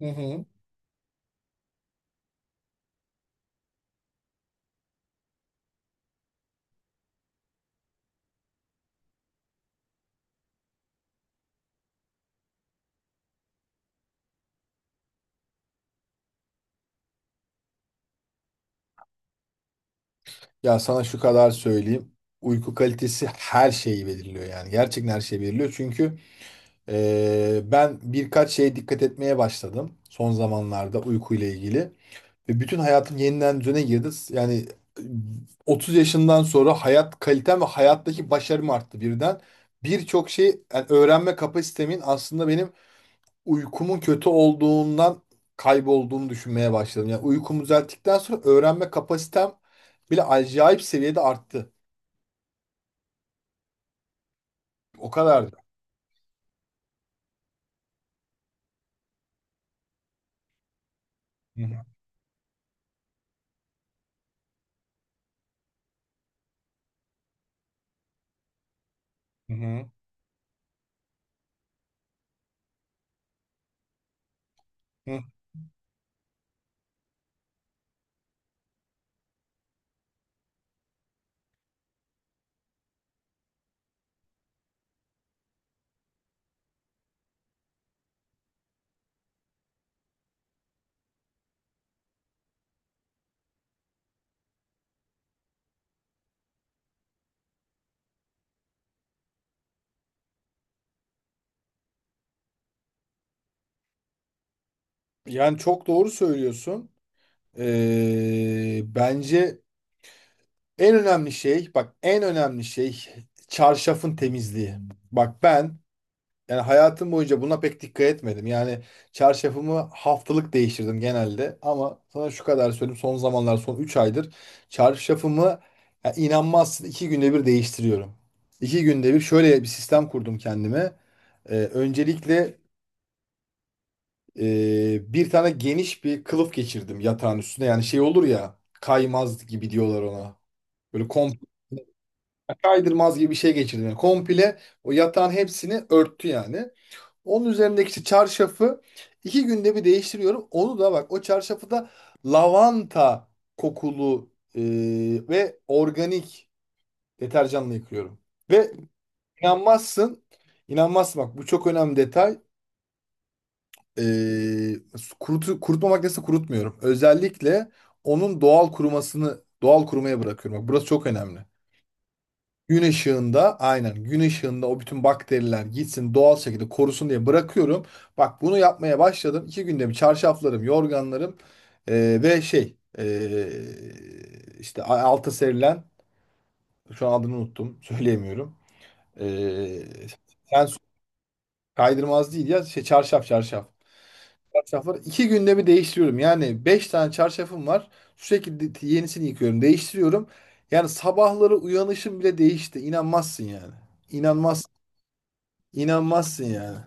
Hı hı. Ya sana şu kadar söyleyeyim. Uyku kalitesi her şeyi belirliyor yani. Gerçekten her şeyi belirliyor. Çünkü ben birkaç şeye dikkat etmeye başladım son zamanlarda uykuyla ilgili. Ve bütün hayatım yeniden düzene girdi. Yani e, 30 yaşından sonra hayat kalitem ve hayattaki başarım arttı birden. Birçok şey yani öğrenme kapasitemin aslında benim uykumun kötü olduğundan kaybolduğunu düşünmeye başladım. Yani uykumu düzelttikten sonra öğrenme kapasitem bile acayip seviyede arttı. O kadar. Hı hı. Hı hı. Yani çok doğru söylüyorsun. Bence en önemli şey, bak en önemli şey çarşafın temizliği. Bak ben, yani hayatım boyunca buna pek dikkat etmedim. Yani çarşafımı haftalık değiştirdim genelde. Ama sana şu kadar söyleyeyim. Son zamanlar, son 3 aydır çarşafımı, ya inanmazsın, 2 günde bir değiştiriyorum. 2 günde bir şöyle bir sistem kurdum kendime. Öncelikle bir tane geniş bir kılıf geçirdim yatağın üstüne. Yani şey olur ya, kaymaz gibi diyorlar ona. Böyle komple kaydırmaz gibi bir şey geçirdim. Yani komple o yatağın hepsini örttü yani. Onun üzerindeki işte çarşafı iki günde bir değiştiriyorum. Onu da bak, o çarşafı da lavanta kokulu e, ve organik deterjanla yıkıyorum. Ve inanmazsın, inanmazsın, bak bu çok önemli detay. E, kurutma makinesi kurutmuyorum. Özellikle onun doğal kurumasını, doğal kurumaya bırakıyorum. Bak burası çok önemli. Gün ışığında, aynen gün ışığında, o bütün bakteriler gitsin doğal şekilde korusun diye bırakıyorum. Bak bunu yapmaya başladım. İki günde bir çarşaflarım, yorganlarım ve işte alta serilen, şu an adını unuttum, söyleyemiyorum. Eee, Sen, kaydırmaz değil ya. Şey, çarşaf. Çarşafları iki günde bir değiştiriyorum. Yani beş tane çarşafım var. Sürekli yenisini yıkıyorum. Değiştiriyorum. Yani sabahları uyanışım bile değişti. İnanmazsın yani. İnanmaz, inanmazsın yani.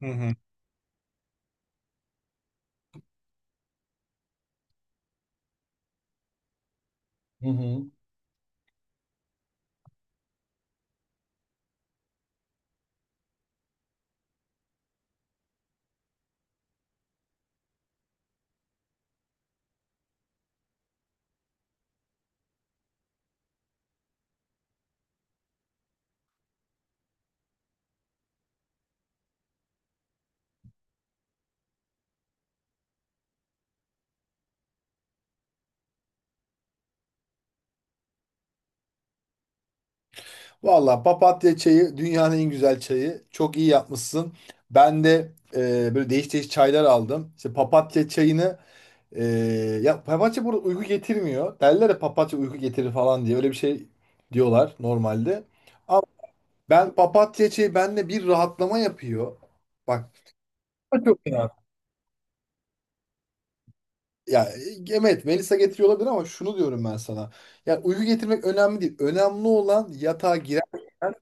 Hı hı. Hı hı. Valla papatya çayı dünyanın en güzel çayı. Çok iyi yapmışsın. Ben de böyle değiş değiş çaylar aldım. İşte papatya çayını. Ee, Ya papatya burada uyku getirmiyor. Derler ya, papatya uyku getirir falan diye. Öyle bir şey diyorlar normalde. Ama ben papatya, şey, bende bir rahatlama yapıyor. Bak. Çok ya. Ya evet, Melisa getiriyor olabilir ama şunu diyorum ben sana. Ya uyku getirmek önemli değil. Önemli olan yatağa girerken,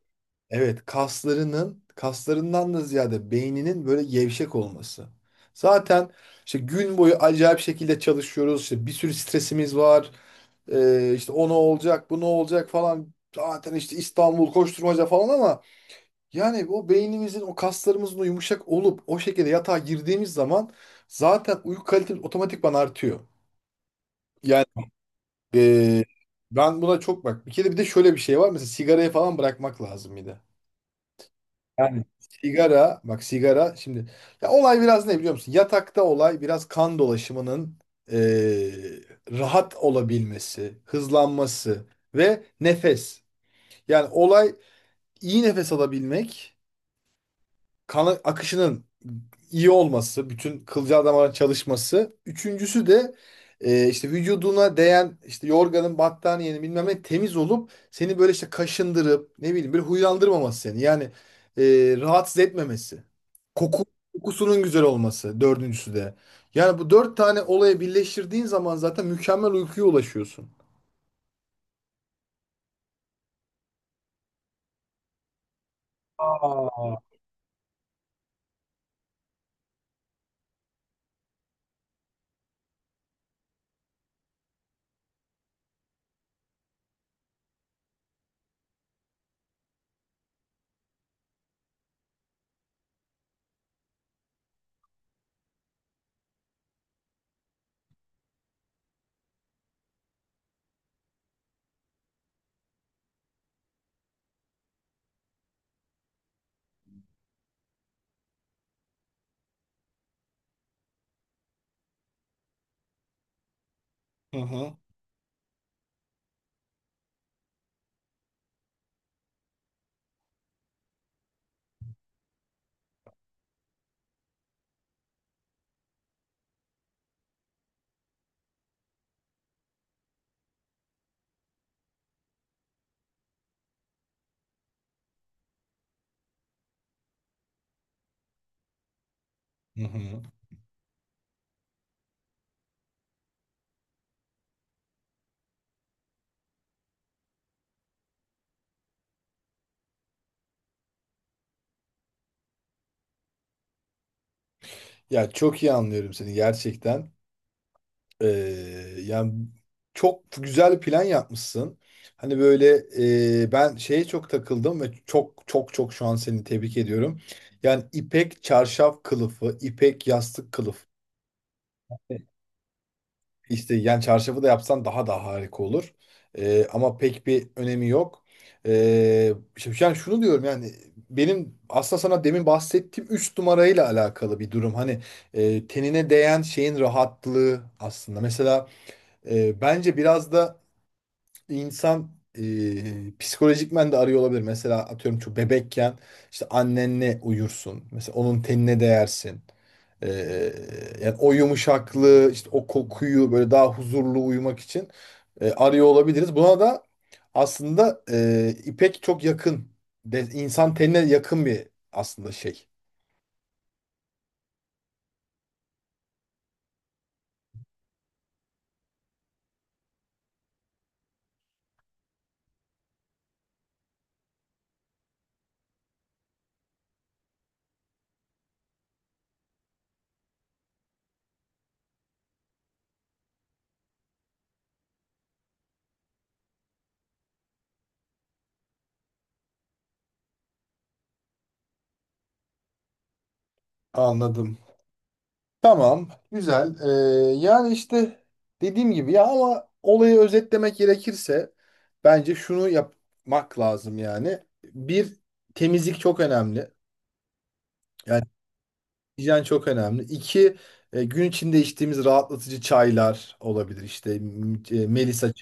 evet, kaslarından da ziyade beyninin böyle gevşek olması. Zaten işte gün boyu acayip şekilde çalışıyoruz. İşte bir sürü stresimiz var. İşte o ne olacak, bu ne olacak falan. Zaten işte İstanbul koşturmaca falan ama yani o beynimizin, o kaslarımızın o yumuşak olup o şekilde yatağa girdiğimiz zaman zaten uyku kalitemiz otomatikman artıyor. Yani ee, ben buna çok bak. Bir kere bir de şöyle bir şey var. Mesela sigarayı falan bırakmak lazım bir de. Yani sigara, bak sigara şimdi, ya olay biraz ne biliyor musun? Yatakta olay biraz kan dolaşımının ee, rahat olabilmesi, hızlanması ve nefes. Yani olay iyi nefes alabilmek, kan akışının iyi olması, bütün kılcal damarın çalışması. Üçüncüsü de işte vücuduna değen işte yorganın, battaniyenin bilmem ne temiz olup seni böyle işte kaşındırıp ne bileyim böyle huylandırmaması seni. Yani e, rahatsız etmemesi. Koku, kokusunun güzel olması dördüncüsü de. Yani bu dört tane olaya birleştirdiğin zaman zaten mükemmel uykuya ulaşıyorsun. Aa. Hı hı. Hı hı. Ya çok iyi anlıyorum seni gerçekten. Ee, Yani çok güzel bir plan yapmışsın. Hani böyle ben şeye çok takıldım ve çok çok çok şu an seni tebrik ediyorum. Yani ipek çarşaf kılıfı, ipek yastık kılıf. İşte yani çarşafı da yapsan daha da harika olur. Ama pek bir önemi yok. Şimdi yani şunu diyorum yani, benim aslında sana demin bahsettiğim 3 numarayla alakalı bir durum. Hani tenine değen şeyin rahatlığı aslında. Mesela bence biraz da insan psikolojikmen de arıyor olabilir. Mesela atıyorum çok bebekken işte annenle uyursun. Mesela onun tenine değersin. E, Yani o yumuşaklığı, işte o kokuyu, böyle daha huzurlu uyumak için arıyor olabiliriz. Buna da aslında ipek çok yakın. De, insan tenine yakın bir aslında şey. Anladım. Tamam, güzel. Yani işte dediğim gibi ya, ama olayı özetlemek gerekirse bence şunu yapmak lazım yani. Bir, temizlik çok önemli. Yani hijyen çok önemli. İki, gün içinde içtiğimiz rahatlatıcı çaylar olabilir. İşte Melisa.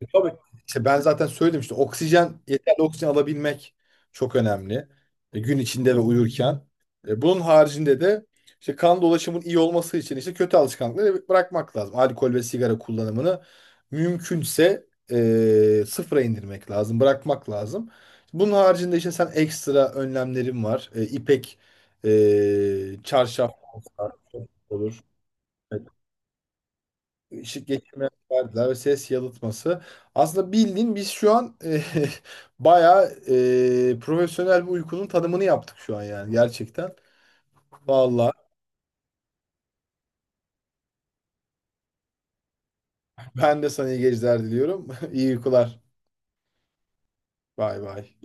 Tabii. İşte ben zaten söyledim, işte oksijen, yeterli oksijen alabilmek çok önemli. Gün içinde ve uyurken. Bunun haricinde de işte kan dolaşımının iyi olması için işte kötü alışkanlıkları bırakmak lazım. Alkol ve sigara kullanımını mümkünse sıfıra indirmek lazım, bırakmak lazım. Bunun haricinde işte sen, ekstra önlemlerin var. İpek çarşaf olsa olur, ışık geçirmeyen perdeler ve ses yalıtması. Aslında bildiğin biz şu an bayağı profesyonel bir uykunun tanımını yaptık şu an yani gerçekten. Vallahi ben de sana iyi geceler diliyorum. İyi uykular. Bay bay.